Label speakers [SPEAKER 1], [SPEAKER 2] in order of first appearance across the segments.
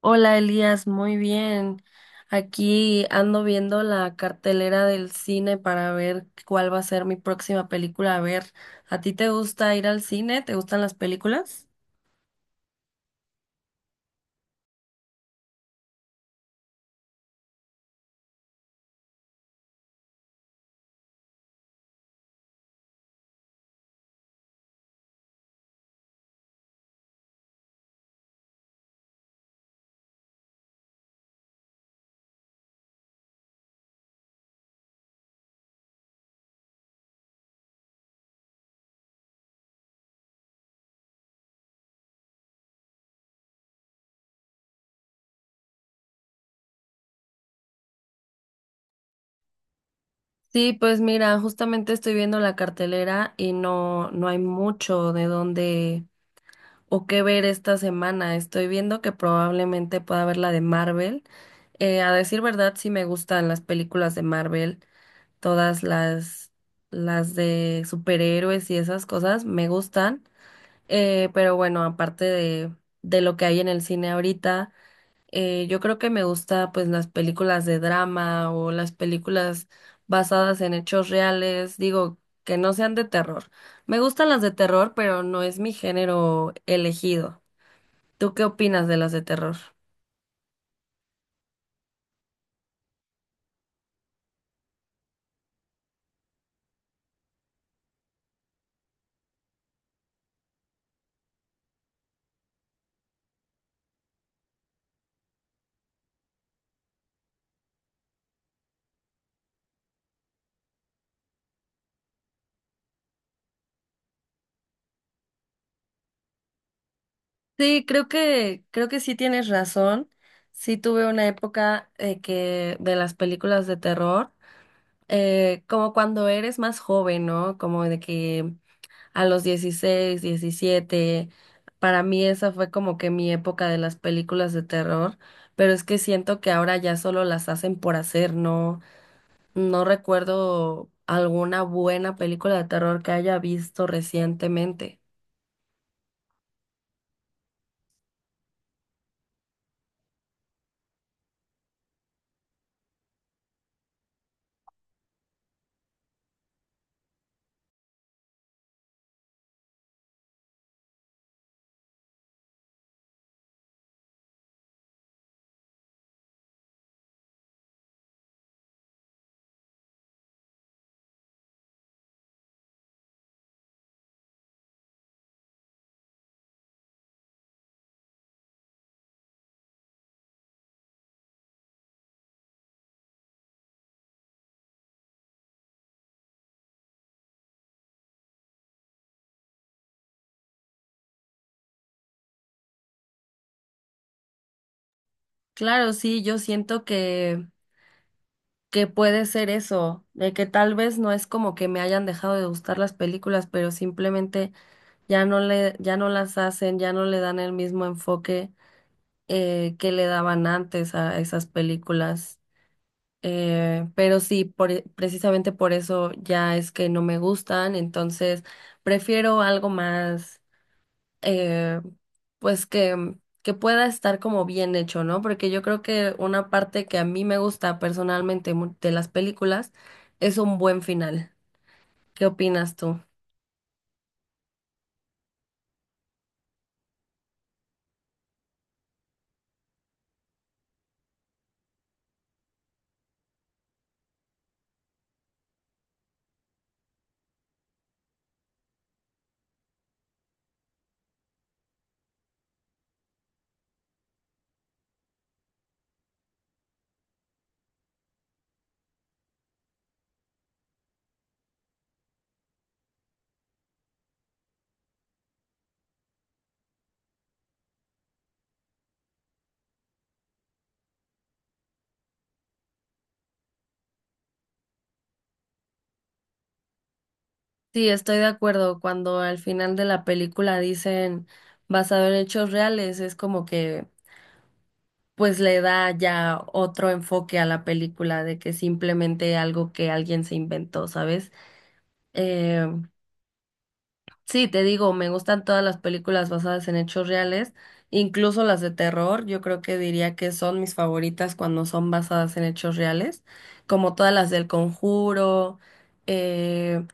[SPEAKER 1] Hola Elías, muy bien. Aquí ando viendo la cartelera del cine para ver cuál va a ser mi próxima película. A ver, ¿a ti te gusta ir al cine? ¿Te gustan las películas? Sí, pues mira, justamente estoy viendo la cartelera y no, no hay mucho de dónde o qué ver esta semana. Estoy viendo que probablemente pueda ver la de Marvel. A decir verdad, sí me gustan las películas de Marvel, todas las de superhéroes y esas cosas me gustan. Pero bueno, aparte de lo que hay en el cine ahorita, yo creo que me gusta pues las películas de drama o las películas basadas en hechos reales, digo, que no sean de terror. Me gustan las de terror, pero no es mi género elegido. ¿Tú qué opinas de las de terror? Sí, creo que sí tienes razón. Sí tuve una época que de las películas de terror, como cuando eres más joven, ¿no? Como de que a los 16, 17, para mí esa fue como que mi época de las películas de terror, pero es que siento que ahora ya solo las hacen por hacer, ¿no? No recuerdo alguna buena película de terror que haya visto recientemente. Claro, sí, yo siento que puede ser eso, de que tal vez no es como que me hayan dejado de gustar las películas, pero simplemente ya no le, ya no las hacen, ya no le dan el mismo enfoque que le daban antes a esas películas. Pero sí, por, precisamente por eso ya es que no me gustan, entonces prefiero algo más eh, pues que pueda estar como bien hecho, ¿no? Porque yo creo que una parte que a mí me gusta personalmente de las películas es un buen final. ¿Qué opinas tú? Sí, estoy de acuerdo. Cuando al final de la película dicen basado en hechos reales, es como que pues le da ya otro enfoque a la película de que simplemente algo que alguien se inventó, ¿sabes? Eh, Sí, te digo, me gustan todas las películas basadas en hechos reales, incluso las de terror, yo creo que diría que son mis favoritas cuando son basadas en hechos reales, como todas las del Conjuro, eh,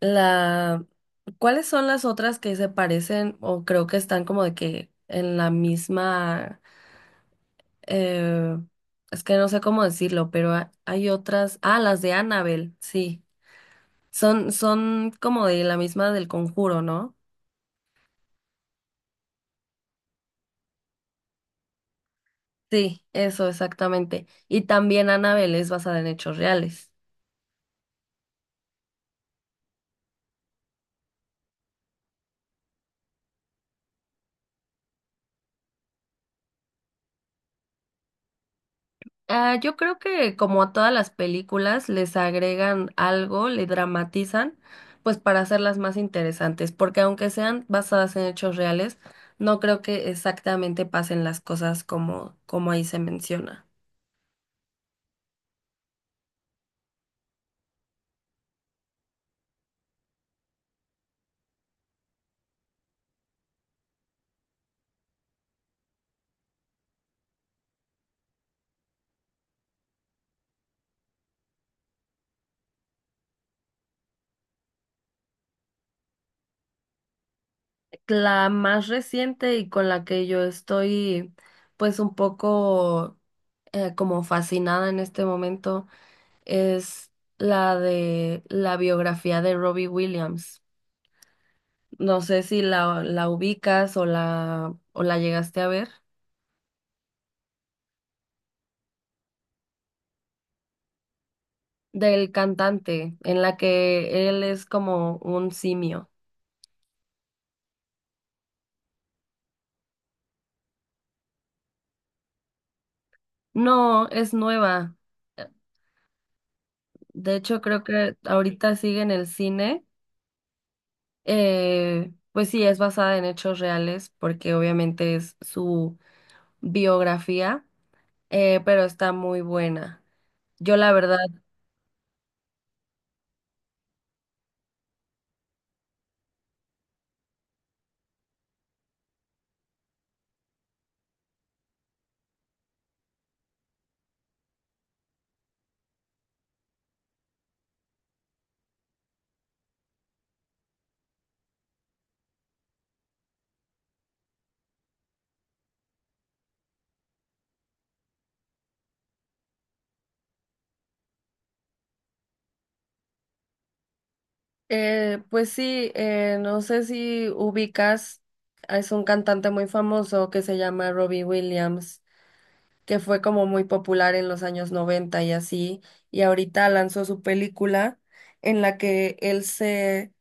[SPEAKER 1] la... ¿Cuáles son las otras que se parecen o creo que están como de que en la misma... eh, es que no sé cómo decirlo, pero hay otras... Ah, las de Annabelle, sí. Son, son como de la misma del Conjuro, ¿no? Sí, eso exactamente. Y también Annabelle es basada en hechos reales. Ah, yo creo que como a todas las películas les agregan algo, le dramatizan, pues para hacerlas más interesantes, porque aunque sean basadas en hechos reales, no creo que exactamente pasen las cosas como, como ahí se menciona. La más reciente y con la que yo estoy pues un poco como fascinada en este momento, es la de la biografía de Robbie Williams. No sé si la, la ubicas o la llegaste a ver. Del cantante, en la que él es como un simio. No, es nueva. De hecho, creo que ahorita sigue en el cine. Pues sí, es basada en hechos reales, porque obviamente es su biografía, pero está muy buena. Yo la verdad... Pues sí, no sé si ubicas, es un cantante muy famoso que se llama Robbie Williams, que fue como muy popular en los años 90 y así, y ahorita lanzó su película en la que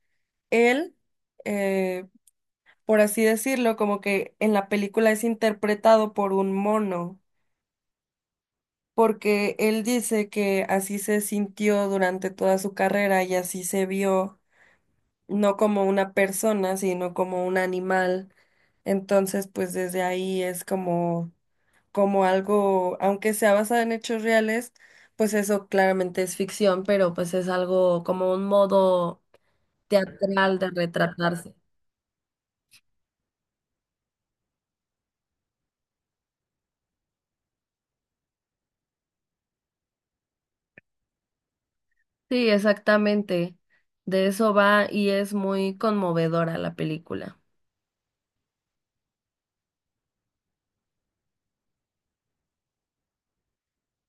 [SPEAKER 1] él, eh, por así decirlo, como que en la película es interpretado por un mono, porque él dice que así se sintió durante toda su carrera y así se vio no como una persona, sino como un animal. Entonces, pues desde ahí es como, como algo, aunque sea basado en hechos reales, pues eso claramente es ficción, pero pues es algo como un modo teatral de retratarse. Sí, exactamente. De eso va y es muy conmovedora la película.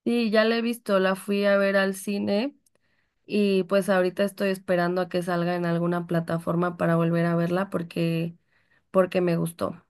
[SPEAKER 1] Sí, ya la he visto, la fui a ver al cine. Y pues ahorita estoy esperando a que salga en alguna plataforma para volver a verla porque, porque me gustó.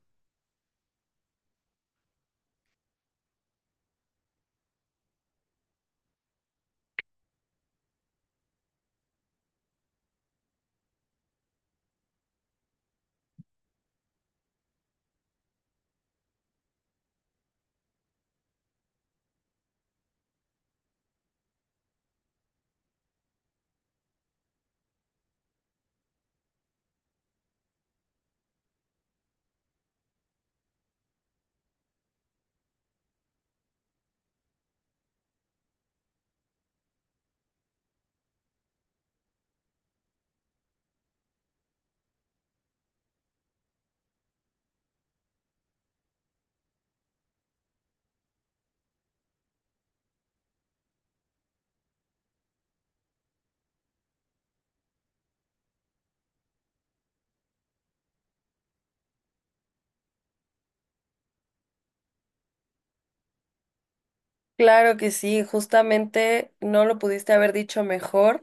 [SPEAKER 1] Claro que sí, justamente no lo pudiste haber dicho mejor.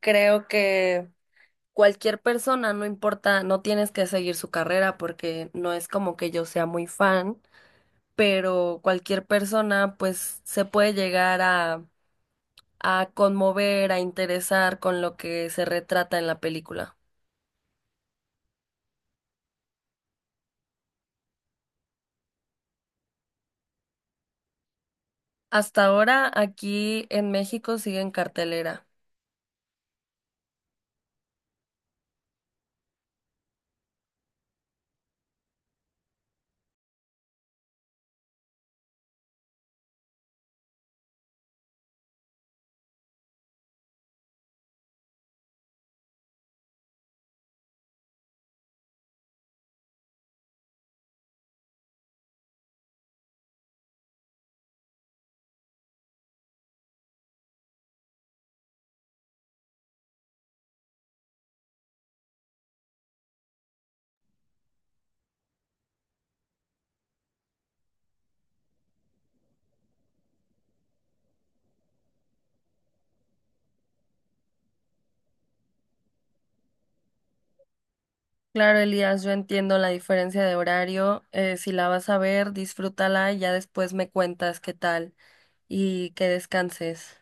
[SPEAKER 1] Creo que... Cualquier persona, no importa, no tienes que seguir su carrera porque no es como que yo sea muy fan, pero cualquier persona pues se puede llegar a conmover, a interesar con lo que se retrata en la película. Hasta ahora aquí en México sigue en cartelera. Claro, Elías, yo entiendo la diferencia de horario. Si la vas a ver, disfrútala y ya después me cuentas qué tal y que descanses.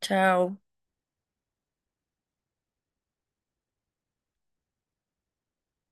[SPEAKER 1] Chao.